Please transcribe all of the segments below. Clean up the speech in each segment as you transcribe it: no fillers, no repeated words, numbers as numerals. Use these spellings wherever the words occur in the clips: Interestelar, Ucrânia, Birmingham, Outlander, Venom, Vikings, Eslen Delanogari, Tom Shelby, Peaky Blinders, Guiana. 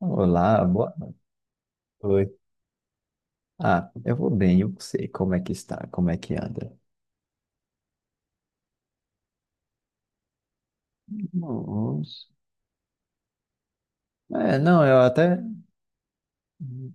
Olá, boa noite. Ah, eu vou bem, eu sei como é que está, como é que anda. Nossa. É, não, eu até.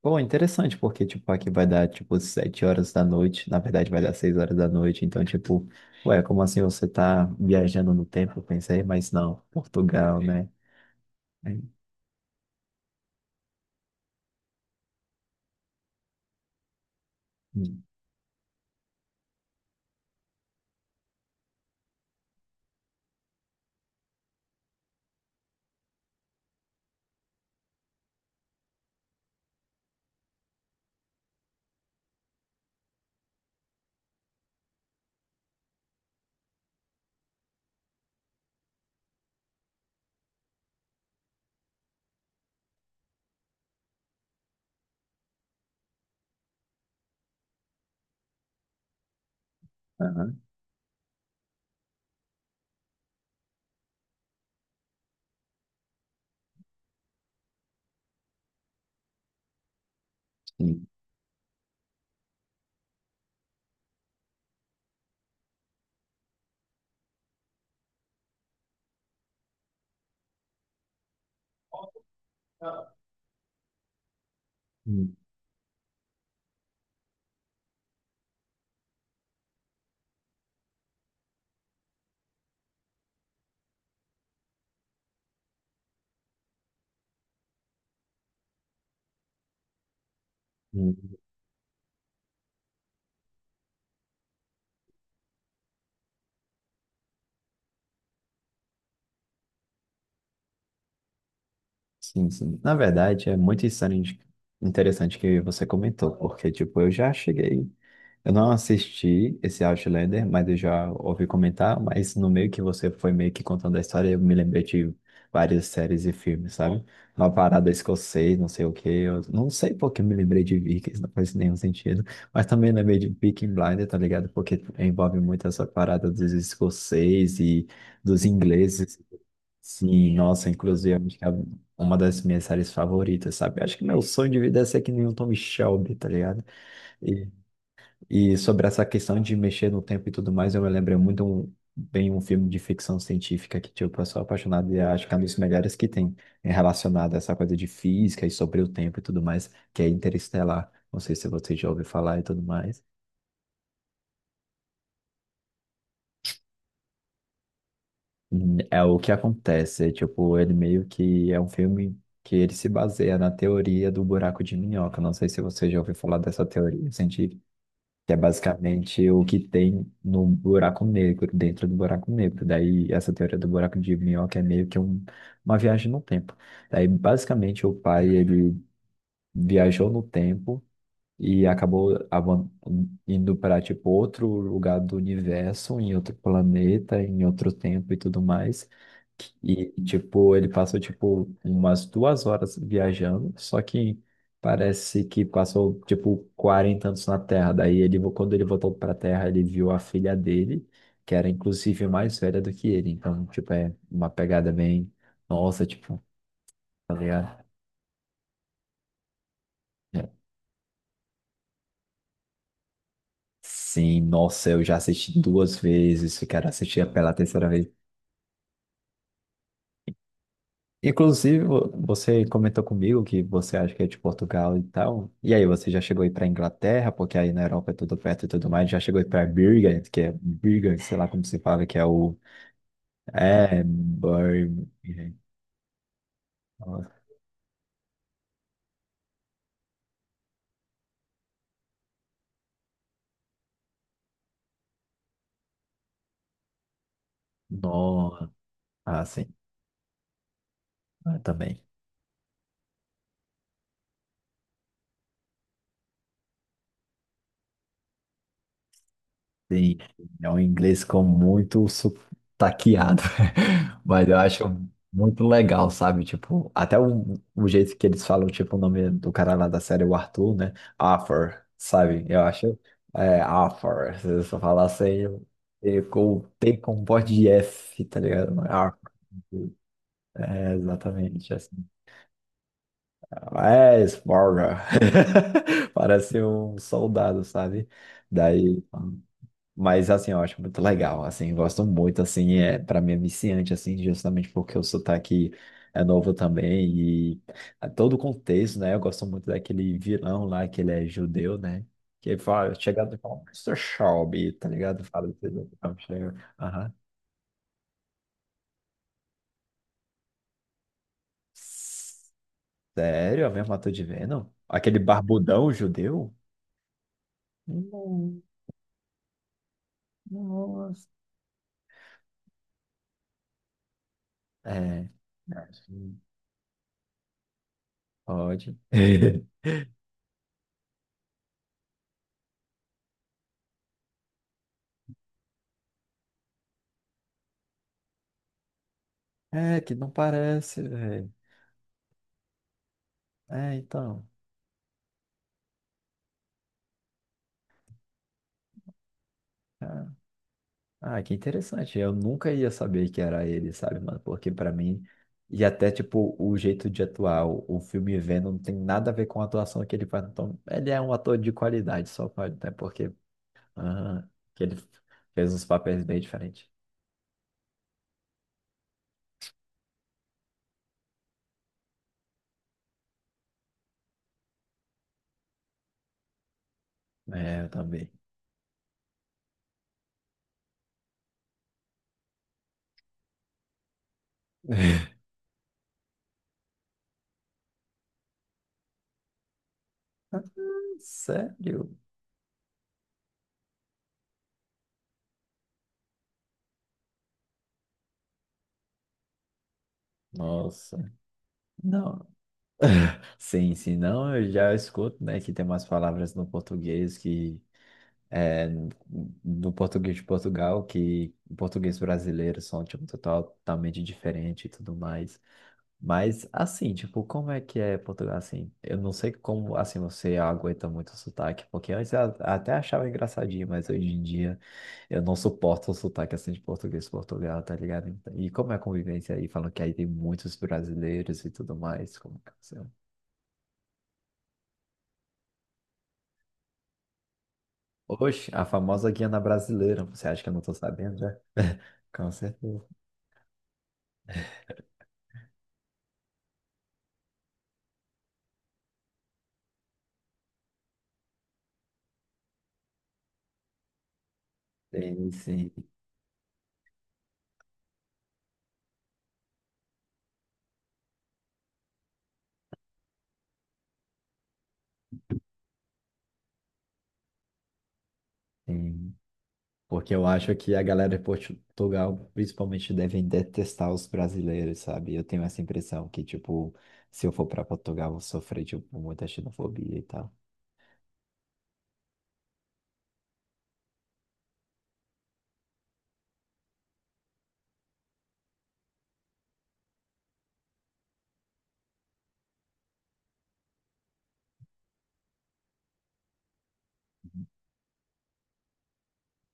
Pô, interessante, porque, tipo, aqui vai dar, tipo, 7 horas da noite. Na verdade, vai dar 6 horas da noite. Então, tipo, ué, como assim você tá viajando no tempo? Eu pensei, mas não, Portugal, né? Hum, aham, sim. Hum, hum, sim, sim. Na verdade, é muito insano, interessante que você comentou, porque, tipo, eu já cheguei. Eu não assisti esse Outlander, mas eu já ouvi comentar, mas no meio que você foi meio que contando a história, eu me lembrei de várias séries e filmes, sabe? Uma parada escocês, não sei o quê, eu não sei porque eu me lembrei de Vikings, não faz nenhum sentido, mas também lembrei de Peaky Blinders, tá ligado? Porque envolve muito essa parada dos escoceses e dos ingleses. Sim, nossa, inclusive acho que é uma das minhas séries favoritas, sabe? Acho que meu sonho de vida é ser que nem o Tom Shelby, tá ligado? E sobre essa questão de mexer no tempo e tudo mais, eu me lembro muito bem um filme de ficção científica que, tipo, eu sou apaixonado e acho que é um dos melhores que tem é relacionado a essa coisa de física e sobre o tempo e tudo mais, que é Interestelar. Não sei se você já ouviu falar e tudo mais. É o que acontece, é, tipo, ele meio que é um filme que ele se baseia na teoria do buraco de minhoca. Não sei se você já ouviu falar dessa teoria que é basicamente o que tem no buraco negro, dentro do buraco negro. Daí, essa teoria do buraco de minhoca é meio que uma viagem no tempo. Daí, basicamente, o pai, ele viajou no tempo e acabou indo para tipo outro lugar do universo, em outro planeta, em outro tempo e tudo mais. E tipo, ele passou tipo umas 2 horas viajando, só que parece que passou tipo 40 anos na Terra. Daí ele, quando ele voltou para a Terra, ele viu a filha dele, que era inclusive mais velha do que ele. Então, tipo, é uma pegada bem, nossa, tipo, tá ligado? É. Sim, nossa, eu já assisti duas vezes, eu quero assistir pela terceira vez. Inclusive, você comentou comigo que você acha que é de Portugal e tal. E aí, você já chegou aí para Inglaterra, porque aí na Europa é tudo perto e tudo mais. Já chegou aí para Birmingham, que é Birmingham, sei lá como se fala, que é o. É, Birmingham. Nossa, ah, sim, eu também. Sim, é um inglês com muito sotaqueado, mas eu acho muito legal, sabe? Tipo, até o jeito que eles falam, tipo, o nome do cara lá da série, o Arthur, né? Arthur, sabe? Eu acho, é, Arthur, se eu só falar assim, com T com voz de F, tá ligado? Arthur, é exatamente assim. É, Sparta. Parece um soldado, sabe? Daí. Mas assim, eu acho muito legal, assim, gosto muito, assim, é, para mim é viciante, assim, justamente porque o sotaque é novo também e a todo o contexto, né? Eu gosto muito daquele vilão lá, que ele é judeu, né? Que fala, chega e fala, Mister Shelby, tá ligado? Fala, entendeu? Então, chega, aham. Sério? A mesma ator de Venom? Aquele barbudão judeu? Não, nossa. É, acho que pode. É, que não parece, velho. É, então. Ah, ah, que interessante. Eu nunca ia saber que era ele, sabe, mano? Porque pra mim, e até tipo, o jeito de atuar, o filme Venom não tem nada a ver com a atuação que ele faz. Então, ele é um ator de qualidade, só pode, até porque aham, que ele fez uns papéis bem diferentes. É, eu também. Ah, sério? Nossa. Não. Sim, sim, não, eu já escuto, né, que tem umas palavras no português que é, do português de Portugal, que o português brasileiro são, tipo, totalmente diferente e tudo mais. Mas, assim, tipo, como é que é Portugal, assim? Eu não sei como, assim, você aguenta muito o sotaque, porque antes eu até achava engraçadinho, mas hoje em dia eu não suporto o sotaque, assim, de português de Portugal, tá ligado? Então, e como é a convivência aí? Falam que aí tem muitos brasileiros e tudo mais, como que você... Oxe, a famosa Guiana brasileira, você acha que eu não tô sabendo, né? Com certeza. Sim, sim, sim. Porque eu acho que a galera de Portugal, principalmente, devem detestar os brasileiros, sabe? Eu tenho essa impressão que, tipo, se eu for para Portugal, eu vou sofrer, tipo, muita xenofobia e tal.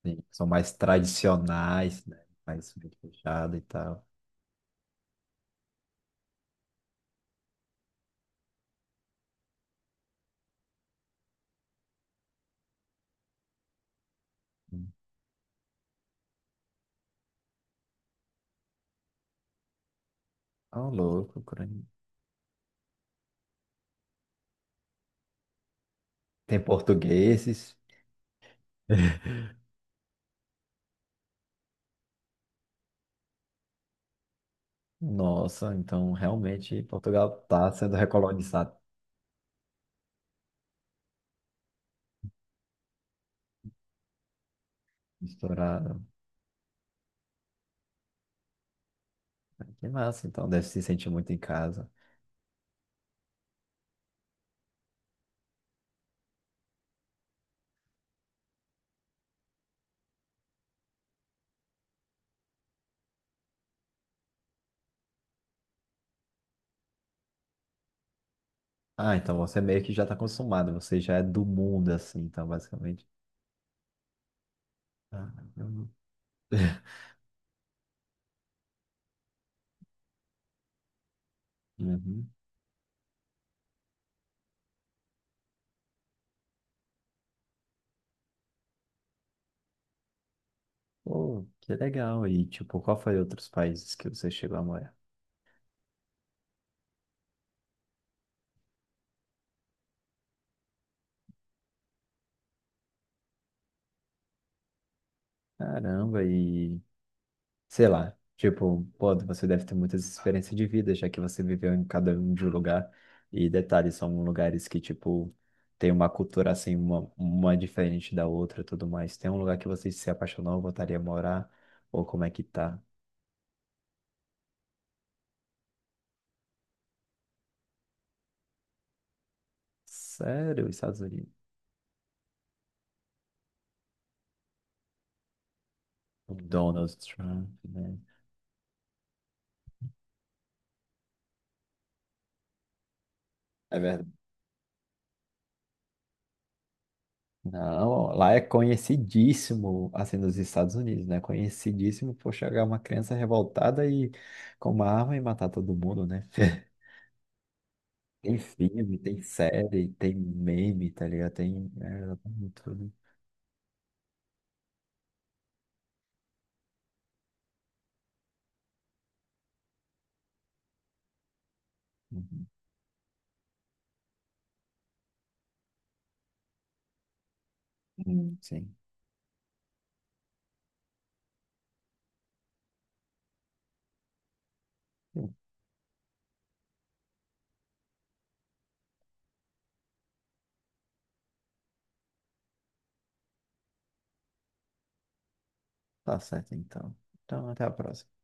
Sim, são mais tradicionais, né? Mais fechado e tal. Ah, louco, Ucrânia. Tem portugueses. Nossa, então realmente Portugal tá sendo recolonizado, misturado. Que massa, então deve se sentir muito em casa. Ah, então você meio que já tá acostumado, você já é do mundo, assim, então, basicamente. Ah, eu- Uhum. Pô, que legal. E, tipo, qual foi outros países que você chegou a morar? Caramba, e sei lá, tipo, pô, você deve ter muitas experiências de vida, já que você viveu em cada um de um lugar. E detalhes são lugares que, tipo, tem uma cultura assim, uma diferente da outra e tudo mais. Tem um lugar que você se apaixonou, voltaria a morar? Ou como é que tá? Sério, os Estados Unidos. O Donald Trump, né? É verdade. Não, lá é conhecidíssimo, assim, nos Estados Unidos, né? Conhecidíssimo por chegar uma criança revoltada e com uma arma e matar todo mundo, né? Tem filme, tem série, tem meme, tá ligado? Tem é, tudo. Uhum. Hum. Sim, tá certo então. Então, até a próxima.